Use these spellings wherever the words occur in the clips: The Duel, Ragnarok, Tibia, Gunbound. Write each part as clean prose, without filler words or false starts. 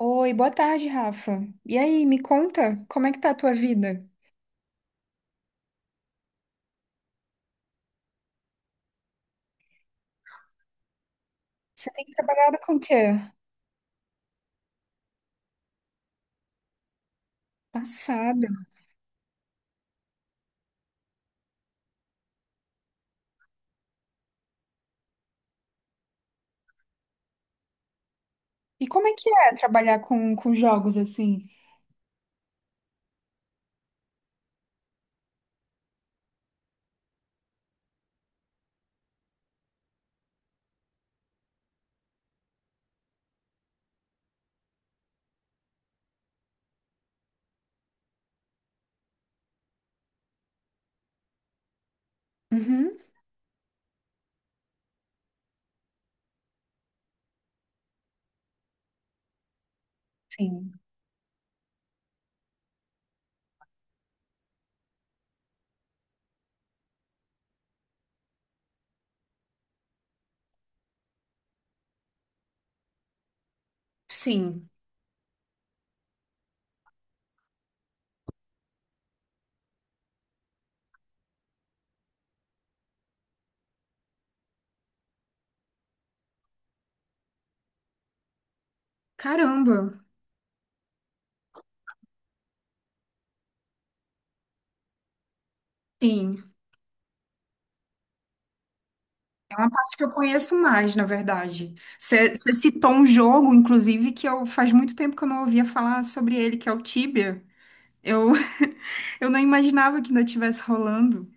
Oi, boa tarde, Rafa. E aí, me conta, como é que tá a tua vida? Você tem trabalhado com o quê? Passado. E como é que é trabalhar com jogos assim? Uhum, sim. Sim. Caramba. Sim. É uma parte que eu conheço mais, na verdade. Você citou um jogo, inclusive, que eu faz muito tempo que eu não ouvia falar sobre ele, que é o Tibia. Eu, eu não imaginava que ainda estivesse rolando.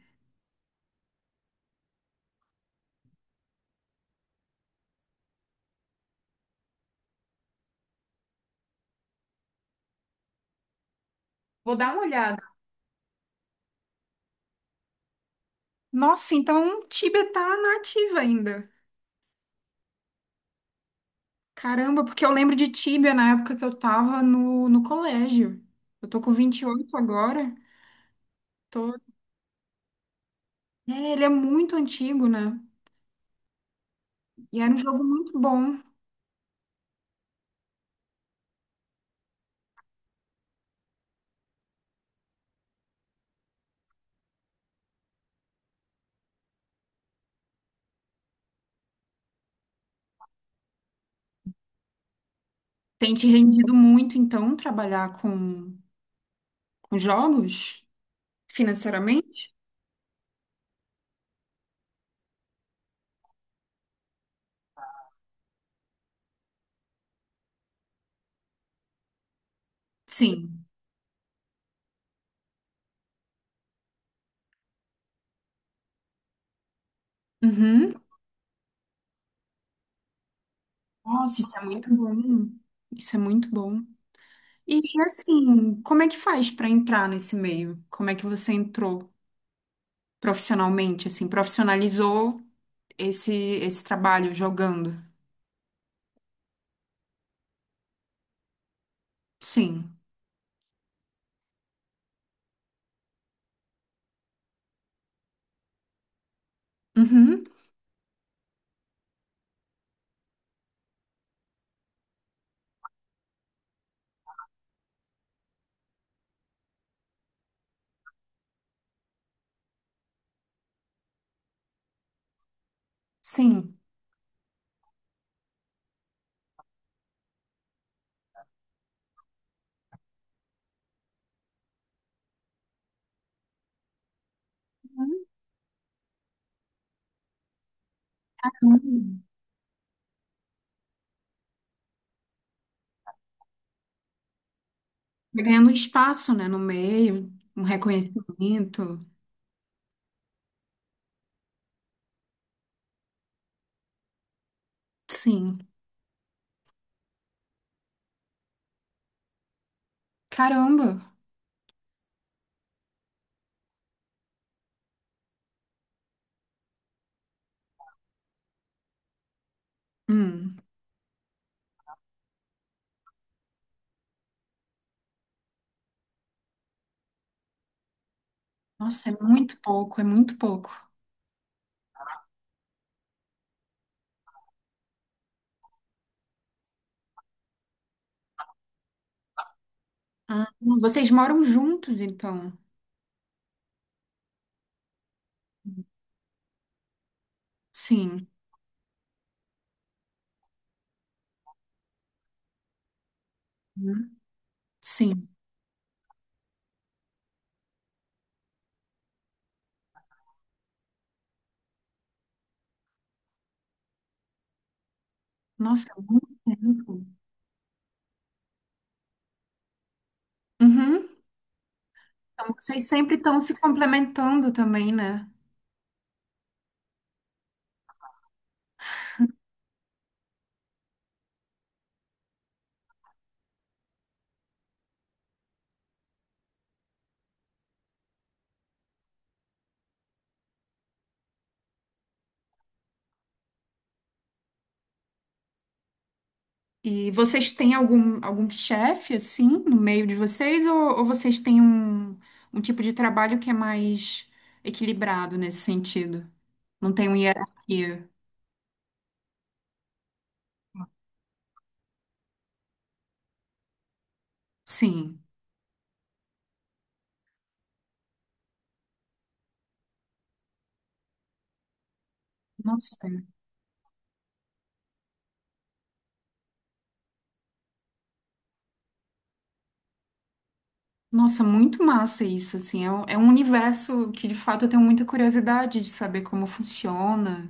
Vou dar uma olhada. Nossa, então Tibia tá na ativa ainda. Caramba, porque eu lembro de Tíbia na época que eu tava no colégio. Eu tô com 28 agora. Tô... É, ele é muito antigo, né? E era um jogo muito bom. Tem te rendido muito, então, trabalhar com jogos financeiramente? Sim. Uhum. Nossa, isso é muito bom. Isso é muito bom. E assim, como é que faz para entrar nesse meio? Como é que você entrou profissionalmente, assim, profissionalizou esse esse trabalho jogando? Sim. Uhum. Sim. Hum. Vai ganhando um espaço, né, no meio, um reconhecimento. Sim. Caramba. Hum. Nossa, é muito pouco, é muito pouco. Ah, vocês moram juntos, então? Sim. Uhum. Sim. Nossa, há muito tempo. Uhum. Então vocês sempre estão se complementando também, né? E vocês têm algum, algum chefe, assim, no meio de vocês? Ou vocês têm um, um tipo de trabalho que é mais equilibrado nesse sentido? Não tem uma hierarquia? Sim. Nossa, nossa, muito massa isso, assim. É um universo que, de fato, eu tenho muita curiosidade de saber como funciona.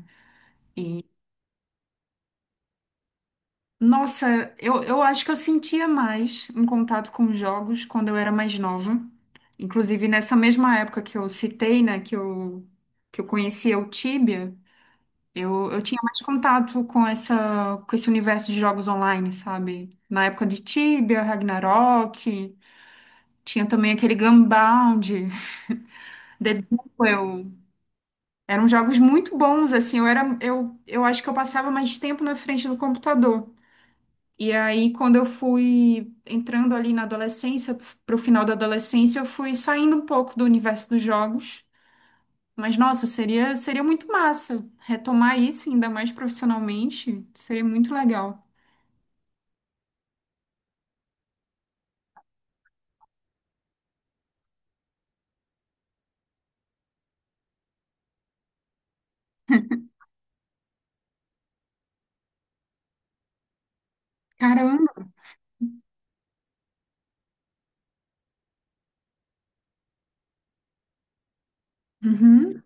Nossa, eu acho que eu sentia mais um contato com os jogos quando eu era mais nova. Inclusive, nessa mesma época que eu citei, né, que eu conhecia o Tibia, eu tinha mais contato com essa, com esse universo de jogos online, sabe? Na época de Tibia, Ragnarok, tinha também aquele Gunbound, The Duel. Eram jogos muito bons, assim, eu era, eu acho que eu passava mais tempo na frente do computador. E aí, quando eu fui entrando ali na adolescência, pro final da adolescência, eu fui saindo um pouco do universo dos jogos. Mas, nossa, seria, seria muito massa retomar isso, ainda mais profissionalmente. Seria muito legal. Caramba! Uhum.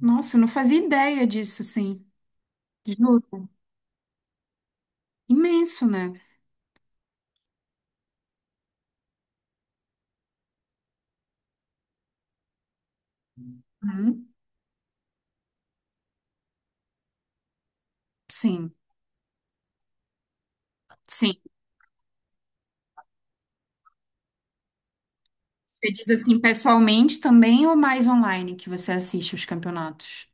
Nossa, eu não fazia ideia disso, assim. Juro. Imenso, né? Uhum. Sim, sim. Você diz assim pessoalmente também ou mais online que você assiste os campeonatos?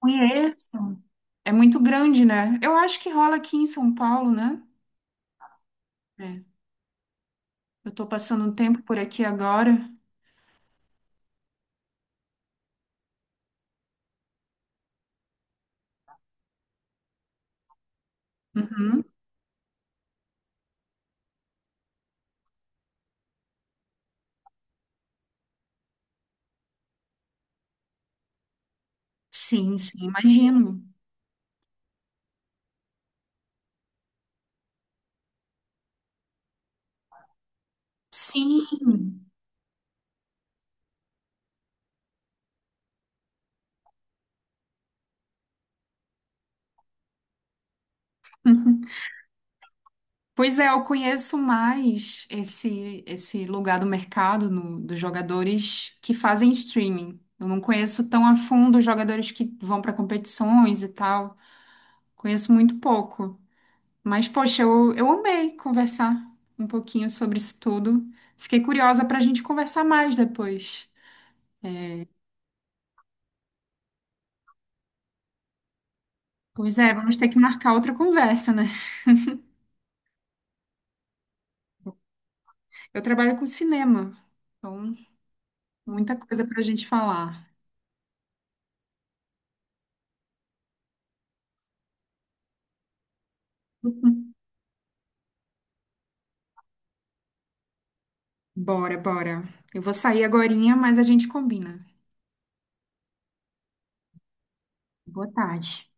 Conheço. É muito grande, né? Eu acho que rola aqui em São Paulo, né? É. Eu tô passando um tempo por aqui agora. Uhum. Sim, sim, imagino. Sim. Pois é, eu conheço mais esse lugar do mercado no- dos jogadores que fazem streaming. Eu não conheço tão a fundo os jogadores que vão para competições e tal. Conheço muito pouco. Mas, poxa, eu amei conversar um pouquinho sobre isso tudo. Fiquei curiosa para a gente conversar mais depois. Pois é, vamos ter que marcar outra conversa, né? Eu trabalho com cinema, então muita coisa para a gente falar. Bora, bora. Eu vou sair agorinha, mas a gente combina. Boa tarde.